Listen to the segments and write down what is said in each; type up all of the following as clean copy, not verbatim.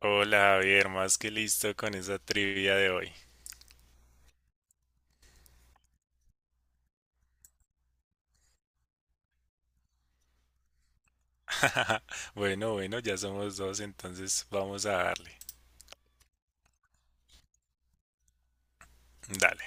Hola Javier, más que listo con esa trivia de hoy. Bueno, ya somos dos, entonces vamos a darle. Dale.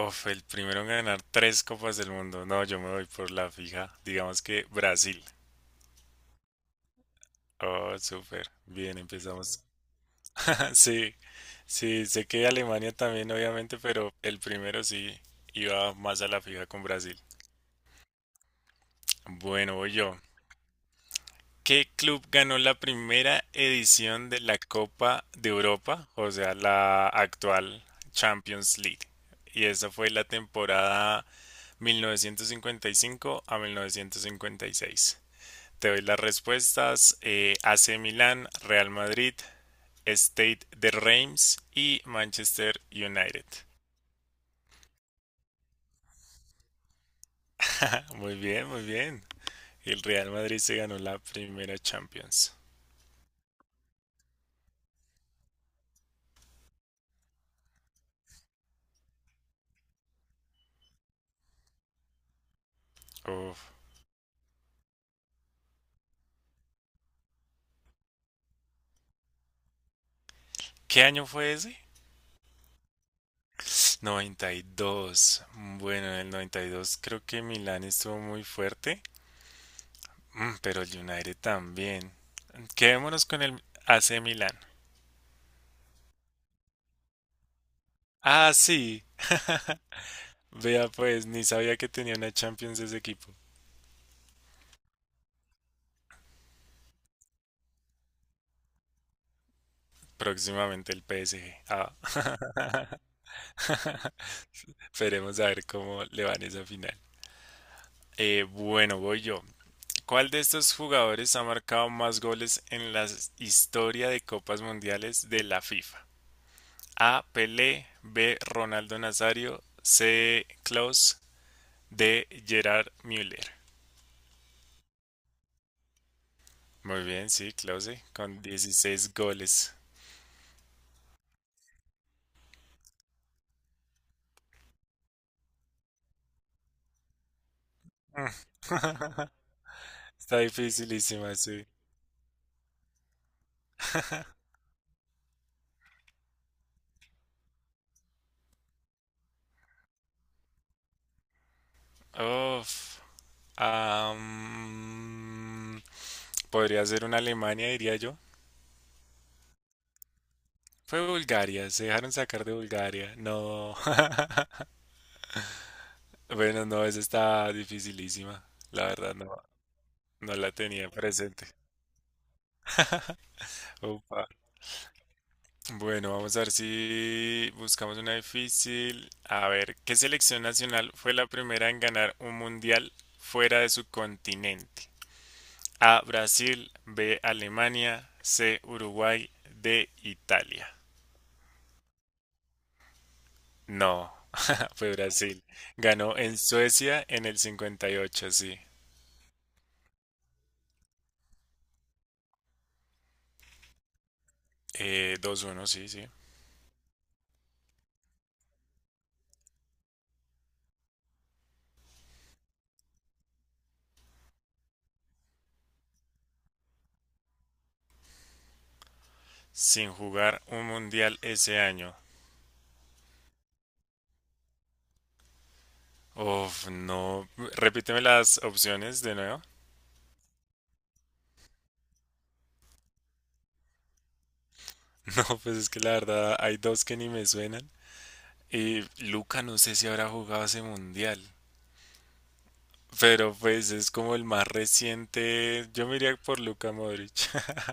Uf, el primero en ganar tres copas del mundo. No, yo me voy por la fija. Digamos que Brasil. Oh, súper. Bien, empezamos. Sí, sí, sé que Alemania también, obviamente, pero el primero sí iba más a la fija con Brasil. Bueno, voy yo. ¿Qué club ganó la primera edición de la Copa de Europa, o sea, la actual Champions League? Y esa fue la temporada 1955 a 1956. Te doy las respuestas. AC Milán, Real Madrid, State de Reims y Manchester United. Muy bien. El Real Madrid se ganó la primera Champions. Uf. ¿Qué año fue ese? 92. Bueno, en el 92 creo que Milán estuvo muy fuerte. Mm, pero el United también. Quedémonos con el AC Milán. Ah, sí. Vea pues, ni sabía que tenía una Champions ese equipo. Próximamente el PSG. Ah, esperemos a ver cómo le van esa final. Bueno, voy yo. ¿Cuál de estos jugadores ha marcado más goles en la historia de Copas Mundiales de la FIFA? A. Pelé, B. Ronaldo Nazario, C. Klaus, D. Gerard Müller. Muy bien, sí, Klose, con 16 goles. Mm. Está dificilísima, sí. Uf. Am, podría ser una Alemania, diría yo. Fue Bulgaria, se dejaron sacar de Bulgaria. No. Bueno, no, esa está dificilísima. La verdad, no, no la tenía presente. Upa. Bueno, vamos a ver si buscamos una difícil. A ver, ¿qué selección nacional fue la primera en ganar un mundial fuera de su continente? A, Brasil, B, Alemania, C, Uruguay, D, Italia. No, fue Brasil. Ganó en Suecia en el 58, sí. 2-1, sí, sí. Sin jugar un mundial ese año. Uf, no. Repíteme las opciones de nuevo. No, pues es que la verdad hay dos que ni me suenan. Y Luca no sé si habrá jugado ese mundial. Pero pues es como el más reciente. Yo me iría por Luca Modric.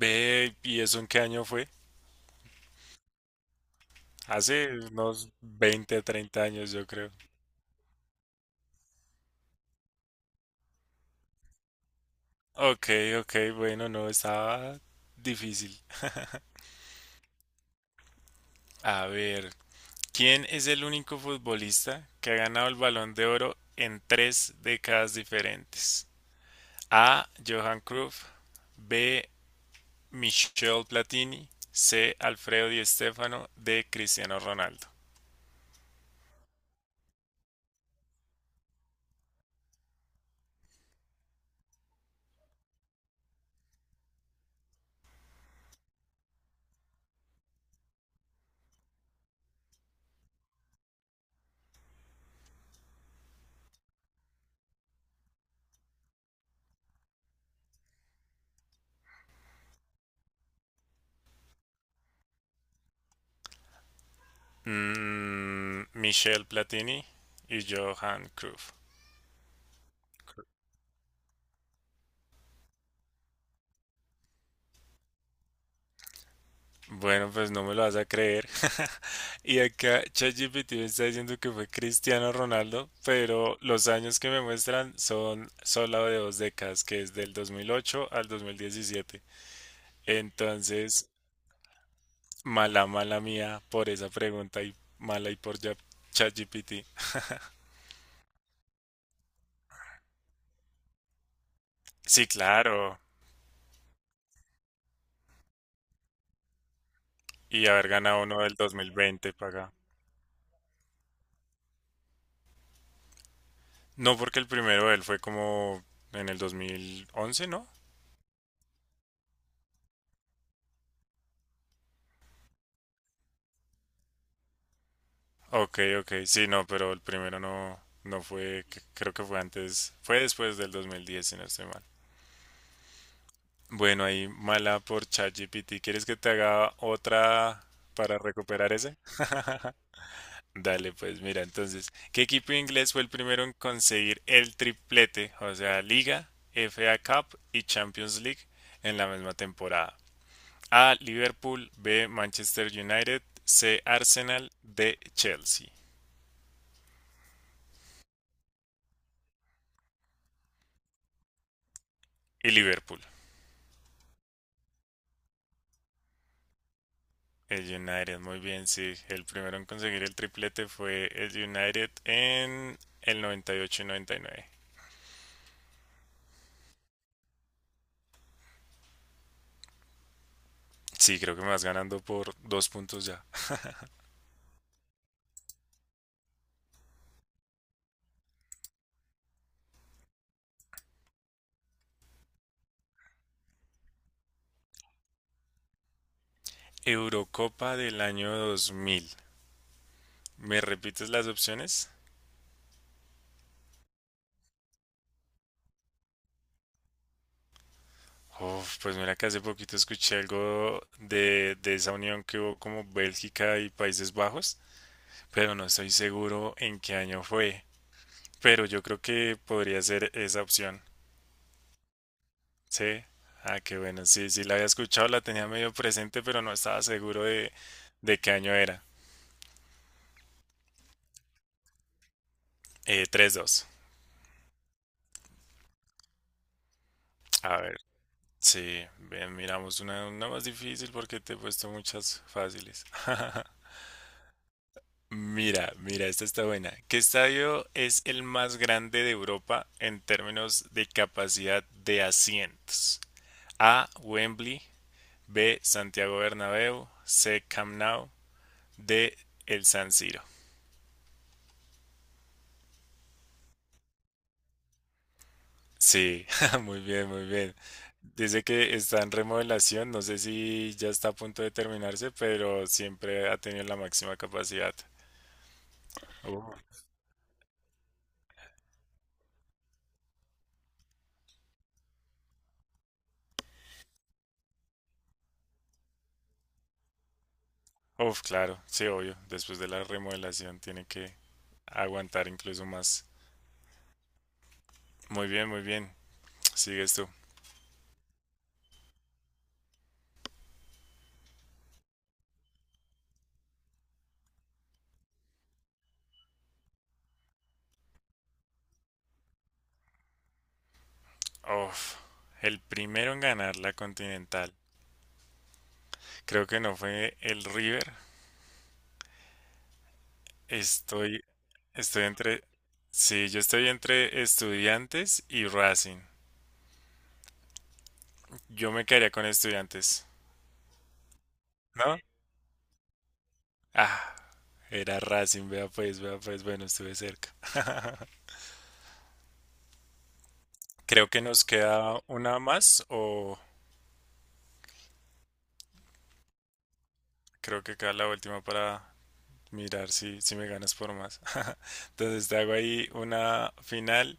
Ve, ¿y eso en qué año fue? Hace unos 20, treinta años, yo creo. Ok, ok, bueno, no, estaba difícil. A ver, ¿quién es el único futbolista que ha ganado el Balón de Oro en tres décadas diferentes? A. Johan Cruyff. B. Michel Platini, C. Alfredo Di Stéfano, D. Cristiano Ronaldo. Mm, Michel Platini y Johan Cruyff. Bueno, pues no me lo vas a creer. Y acá ChatGPT me está diciendo que fue Cristiano Ronaldo, pero los años que me muestran son solo de dos décadas, que es del 2008 al 2017. Entonces, mala mía por esa pregunta y mala y por ya- ChatGPT. Sí, claro. Y haber ganado uno del 2020 para acá. No, porque el primero de él fue como en el 2011, ¿no? Ok, ok, sí, no, pero el primero no, no fue, c- creo que fue antes, fue después del 2010, si no estoy mal. Bueno, ahí mala por ChatGPT. ¿Quieres que te haga otra para recuperar ese? Dale, pues mira, entonces, ¿qué equipo inglés fue el primero en conseguir el triplete, o sea, Liga, FA Cup y Champions League en la misma temporada? A. Liverpool. B. Manchester United. C. Arsenal. D. Chelsea. Y Liverpool. El United, muy bien, sí. El primero en conseguir el triplete fue el United en el 98 y 99. Sí, creo que me vas ganando por dos puntos ya. Eurocopa del año 2000. ¿Me repites las opciones? Uf, pues mira que hace poquito escuché algo de esa unión que hubo como Bélgica y Países Bajos, pero no estoy seguro en qué año fue. Pero yo creo que podría ser esa opción. Sí. Ah, qué bueno. Sí, sí, la había escuchado, la tenía medio presente, pero no estaba seguro de qué año era. 3-2. A ver. Sí, bien, miramos una más difícil porque te he puesto muchas fáciles. Mira, esta está buena. ¿Qué estadio es el más grande de Europa en términos de capacidad de asientos? A. Wembley. B. Santiago Bernabéu. C. Camp Nou. De el San Siro. Sí, muy bien. Dice que está en remodelación, no sé si ya está a punto de terminarse, pero siempre ha tenido la máxima capacidad. Uf, Uf, claro, sí, obvio. Después de la remodelación tiene que aguantar incluso más. Muy bien. Sigues tú. Uf, el primero en ganar la Continental. Creo que no fue el River. Estoy, estoy entre, sí, yo estoy entre Estudiantes y Racing. Yo me quedaría con estudiantes, ¿no? Ah, era Racing, vea pues, bueno, estuve cerca. Creo que nos queda una más o creo que queda la última para mirar si, si me ganas por más. Entonces te hago ahí una final.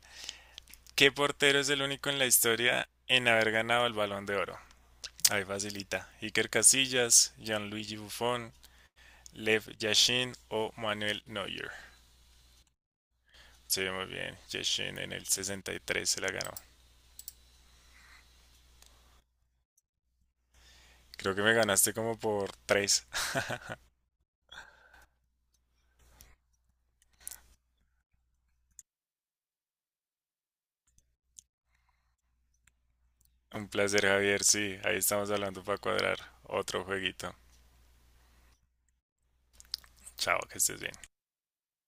¿Qué portero es el único en la historia en haber ganado el Balón de Oro? Ahí facilita. Iker Casillas, Gianluigi Buffon, Lev Yashin o Manuel Neuer. Sí, muy bien. Yashin en el 63 se la ganó. Creo que me ganaste como por tres. Un placer, Javier. Sí, ahí estamos hablando para cuadrar otro jueguito. Chao, que estés bien.